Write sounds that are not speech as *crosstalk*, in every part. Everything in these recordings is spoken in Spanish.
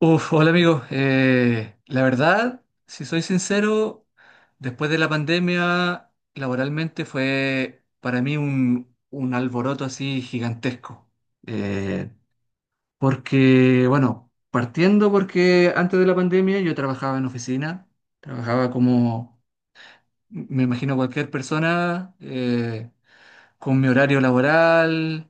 Uf, hola amigo. La verdad, si soy sincero, después de la pandemia, laboralmente fue para mí un alboroto así gigantesco. Eh, Porque, bueno, partiendo porque antes de la pandemia yo trabajaba en oficina, trabajaba como, me imagino, cualquier persona, con mi horario laboral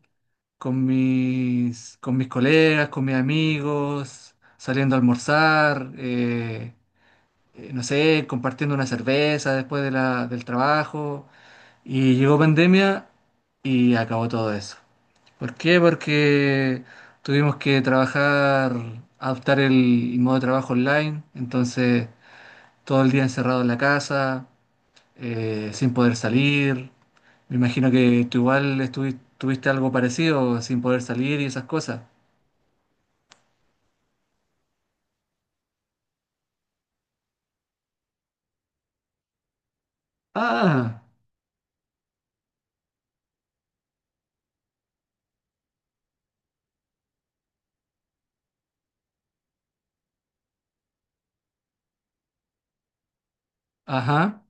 con mis colegas, con mis amigos, saliendo a almorzar, no sé, compartiendo una cerveza del trabajo. Y llegó pandemia y acabó todo eso. ¿Por qué? Porque tuvimos que trabajar, adoptar el modo de trabajo online, entonces todo el día encerrado en la casa, sin poder salir. Me imagino que tú igual tuviste algo parecido, sin poder salir y esas cosas. Ah, ajá.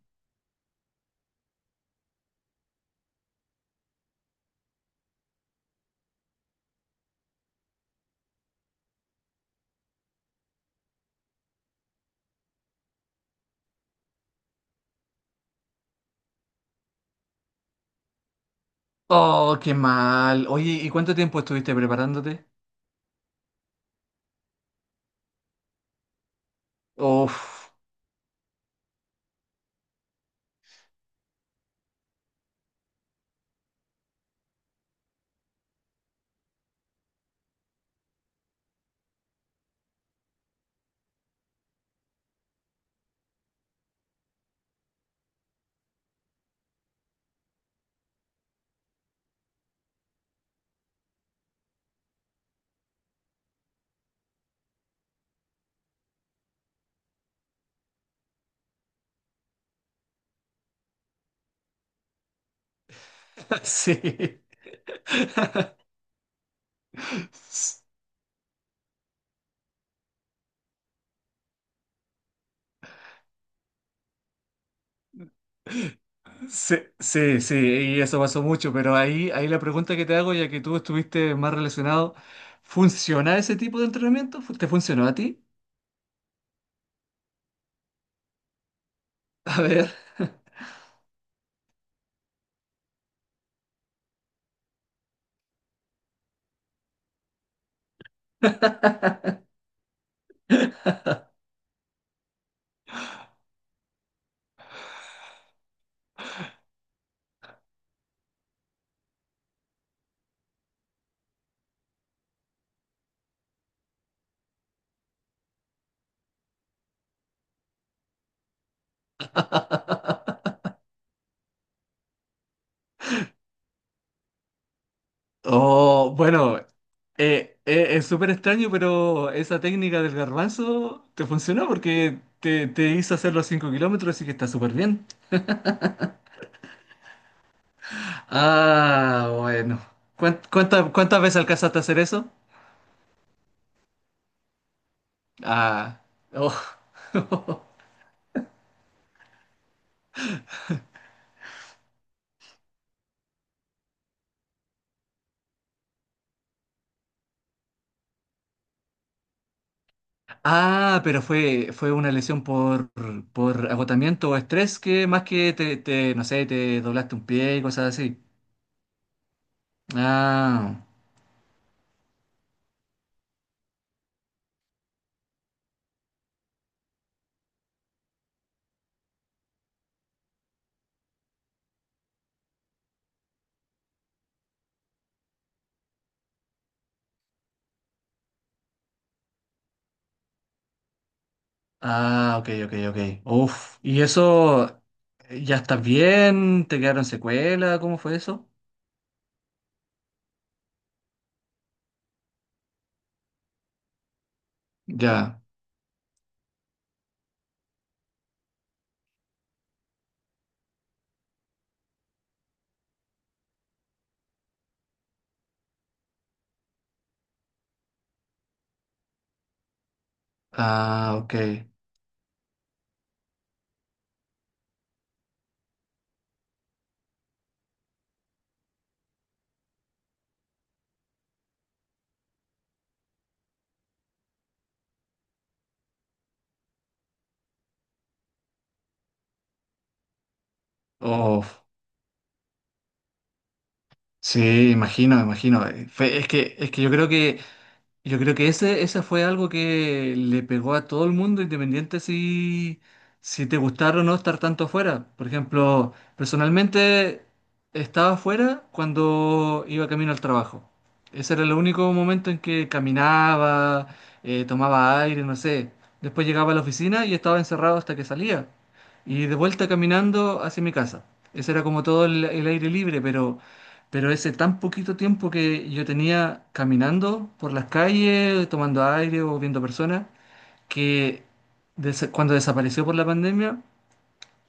Oh, qué mal. Oye, ¿y cuánto tiempo estuviste preparándote? Uf. *laughs* Sí. Sí, sí, sí, y eso pasó mucho, pero ahí la pregunta que te hago, ya que tú estuviste más relacionado, ¿funciona ese tipo de entrenamiento? Te funcionó a ti? *laughs* A ver. Oh, bueno, es súper extraño, pero esa técnica del garbanzo te funcionó porque te hizo hacer los 5 kilómetros, así que está súper bien. Ah, bueno. Cuántas veces alcanzaste a hacer eso? Ah, oh. *laughs* Ah, pero fue una lesión por agotamiento o estrés que más que no sé, te doblaste un pie y cosas así. Ah, ah, ok, ok, ok. Uf, ¿y eso ya estás bien? ¿Te quedaron secuelas? ¿Cómo fue eso? Ya. Ah, ok. Uf, sí, imagino, imagino. Es que yo creo que yo creo que ese fue algo que le pegó a todo el mundo, independiente si, si te gustara o no estar tanto afuera. Por ejemplo, personalmente estaba afuera cuando iba camino al trabajo. Ese era el único momento en que caminaba, tomaba aire, no sé. Después llegaba a la oficina y estaba encerrado hasta que salía. Y de vuelta caminando hacia mi casa. Ese era como todo el aire libre, pero... Pero ese tan poquito tiempo que yo tenía caminando por las calles, tomando aire o viendo personas, que cuando desapareció por la pandemia,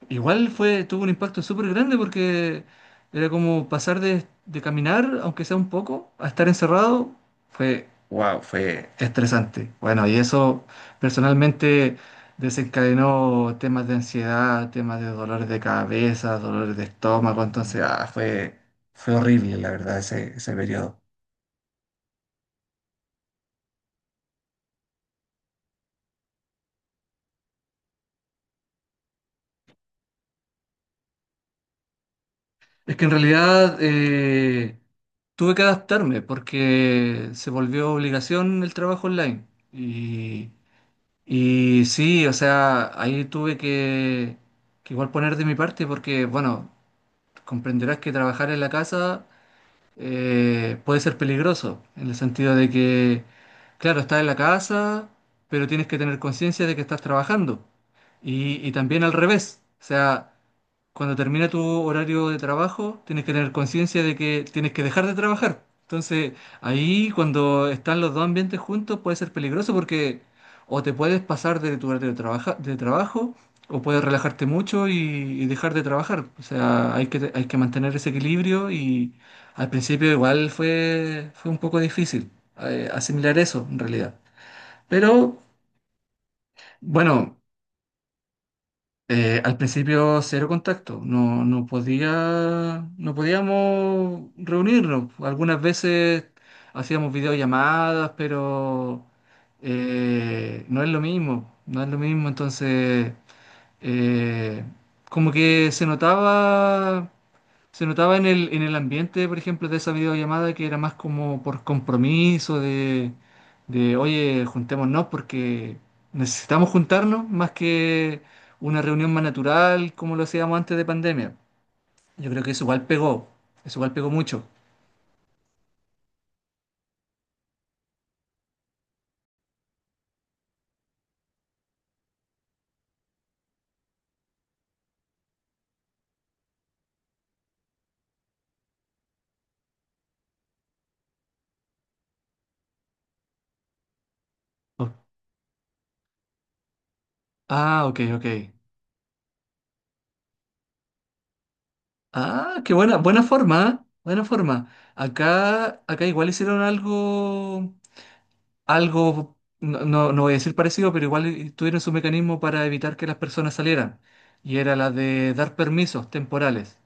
igual fue, tuvo un impacto súper grande porque era como pasar de caminar, aunque sea un poco, a estar encerrado, fue, wow, fue estresante. Bueno, y eso personalmente desencadenó temas de ansiedad, temas de dolores de cabeza, dolores de estómago, entonces, ah, fue, fue horrible, la verdad, ese periodo. Es que en realidad tuve que adaptarme porque se volvió obligación el trabajo online. Y Y sí, o sea, ahí tuve que igual poner de mi parte porque, bueno, comprenderás que trabajar en la casa puede ser peligroso, en el sentido de que, claro, estás en la casa, pero tienes que tener conciencia de que estás trabajando. Y también al revés, o sea, cuando termina tu horario de trabajo, tienes que tener conciencia de que tienes que dejar de trabajar. Entonces, ahí cuando están los dos ambientes juntos puede ser peligroso porque o te puedes pasar de tu horario de, de trabajo o puedes relajarte mucho y dejar de trabajar. O sea, hay que mantener ese equilibrio y al principio igual fue, fue un poco difícil asimilar eso en realidad. Pero bueno. Al principio cero contacto, no podía, no podíamos reunirnos. Algunas veces hacíamos videollamadas, pero no es lo mismo, no es lo mismo. Entonces, eh, como que se notaba en en el ambiente, por ejemplo, de esa videollamada que era más como por compromiso oye, juntémonos porque necesitamos juntarnos más que una reunión más natural como lo hacíamos antes de pandemia. Yo creo que eso igual pegó mucho. Oh. Ah, ok, ok. Ah, qué buena, buena forma, ¿eh? Buena forma. Acá, acá igual hicieron algo, algo, no, no, no voy a decir parecido, pero igual tuvieron su mecanismo para evitar que las personas salieran. Y era la de dar permisos temporales.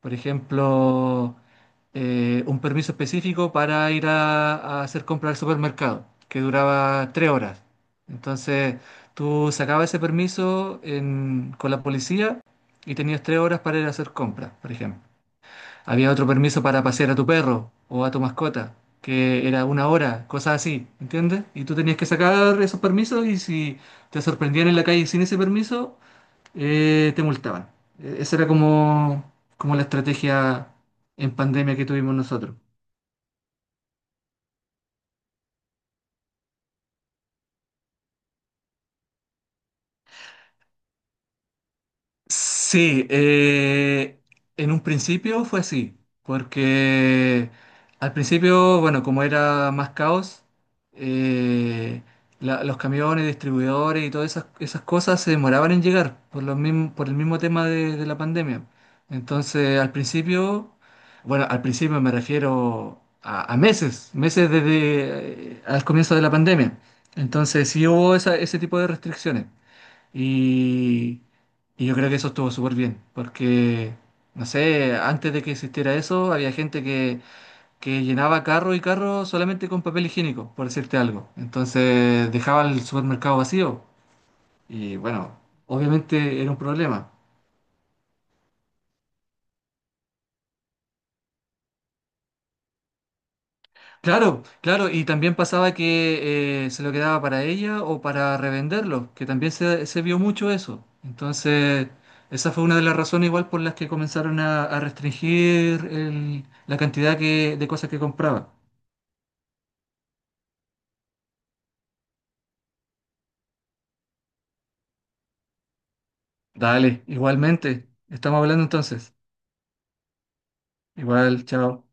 Por ejemplo, un permiso específico para ir a hacer compras al supermercado, que duraba 3 horas. Entonces, tú sacabas ese con la policía y tenías 3 horas para ir a hacer compras, por ejemplo. Había otro permiso para pasear a tu perro o a tu mascota, que era una hora, cosas así, ¿entiendes? Y tú tenías que sacar esos permisos y si te sorprendían en la calle sin ese permiso, te multaban. Esa era como, como la estrategia en pandemia que tuvimos nosotros. Sí, en un principio fue así, porque al principio, bueno, como era más caos, eh, los camiones, distribuidores y todas esas cosas se demoraban en llegar por los por el mismo tema de la pandemia. Entonces, al principio, bueno, al principio me refiero a meses, meses desde al comienzo de la pandemia. Entonces, sí hubo ese tipo de restricciones. Y, y yo creo que eso estuvo súper bien, porque, no sé, antes de que existiera eso, había gente que llenaba carro y carro solamente con papel higiénico, por decirte algo. Entonces dejaba el supermercado vacío y bueno, obviamente era un problema. Claro, claro, y también pasaba que se lo quedaba para ella o para revenderlo, que también se vio mucho eso. Entonces, esa fue una de las razones igual por las que comenzaron a restringir la cantidad que, de cosas que compraba. Dale, igualmente, estamos hablando entonces. Igual, chao.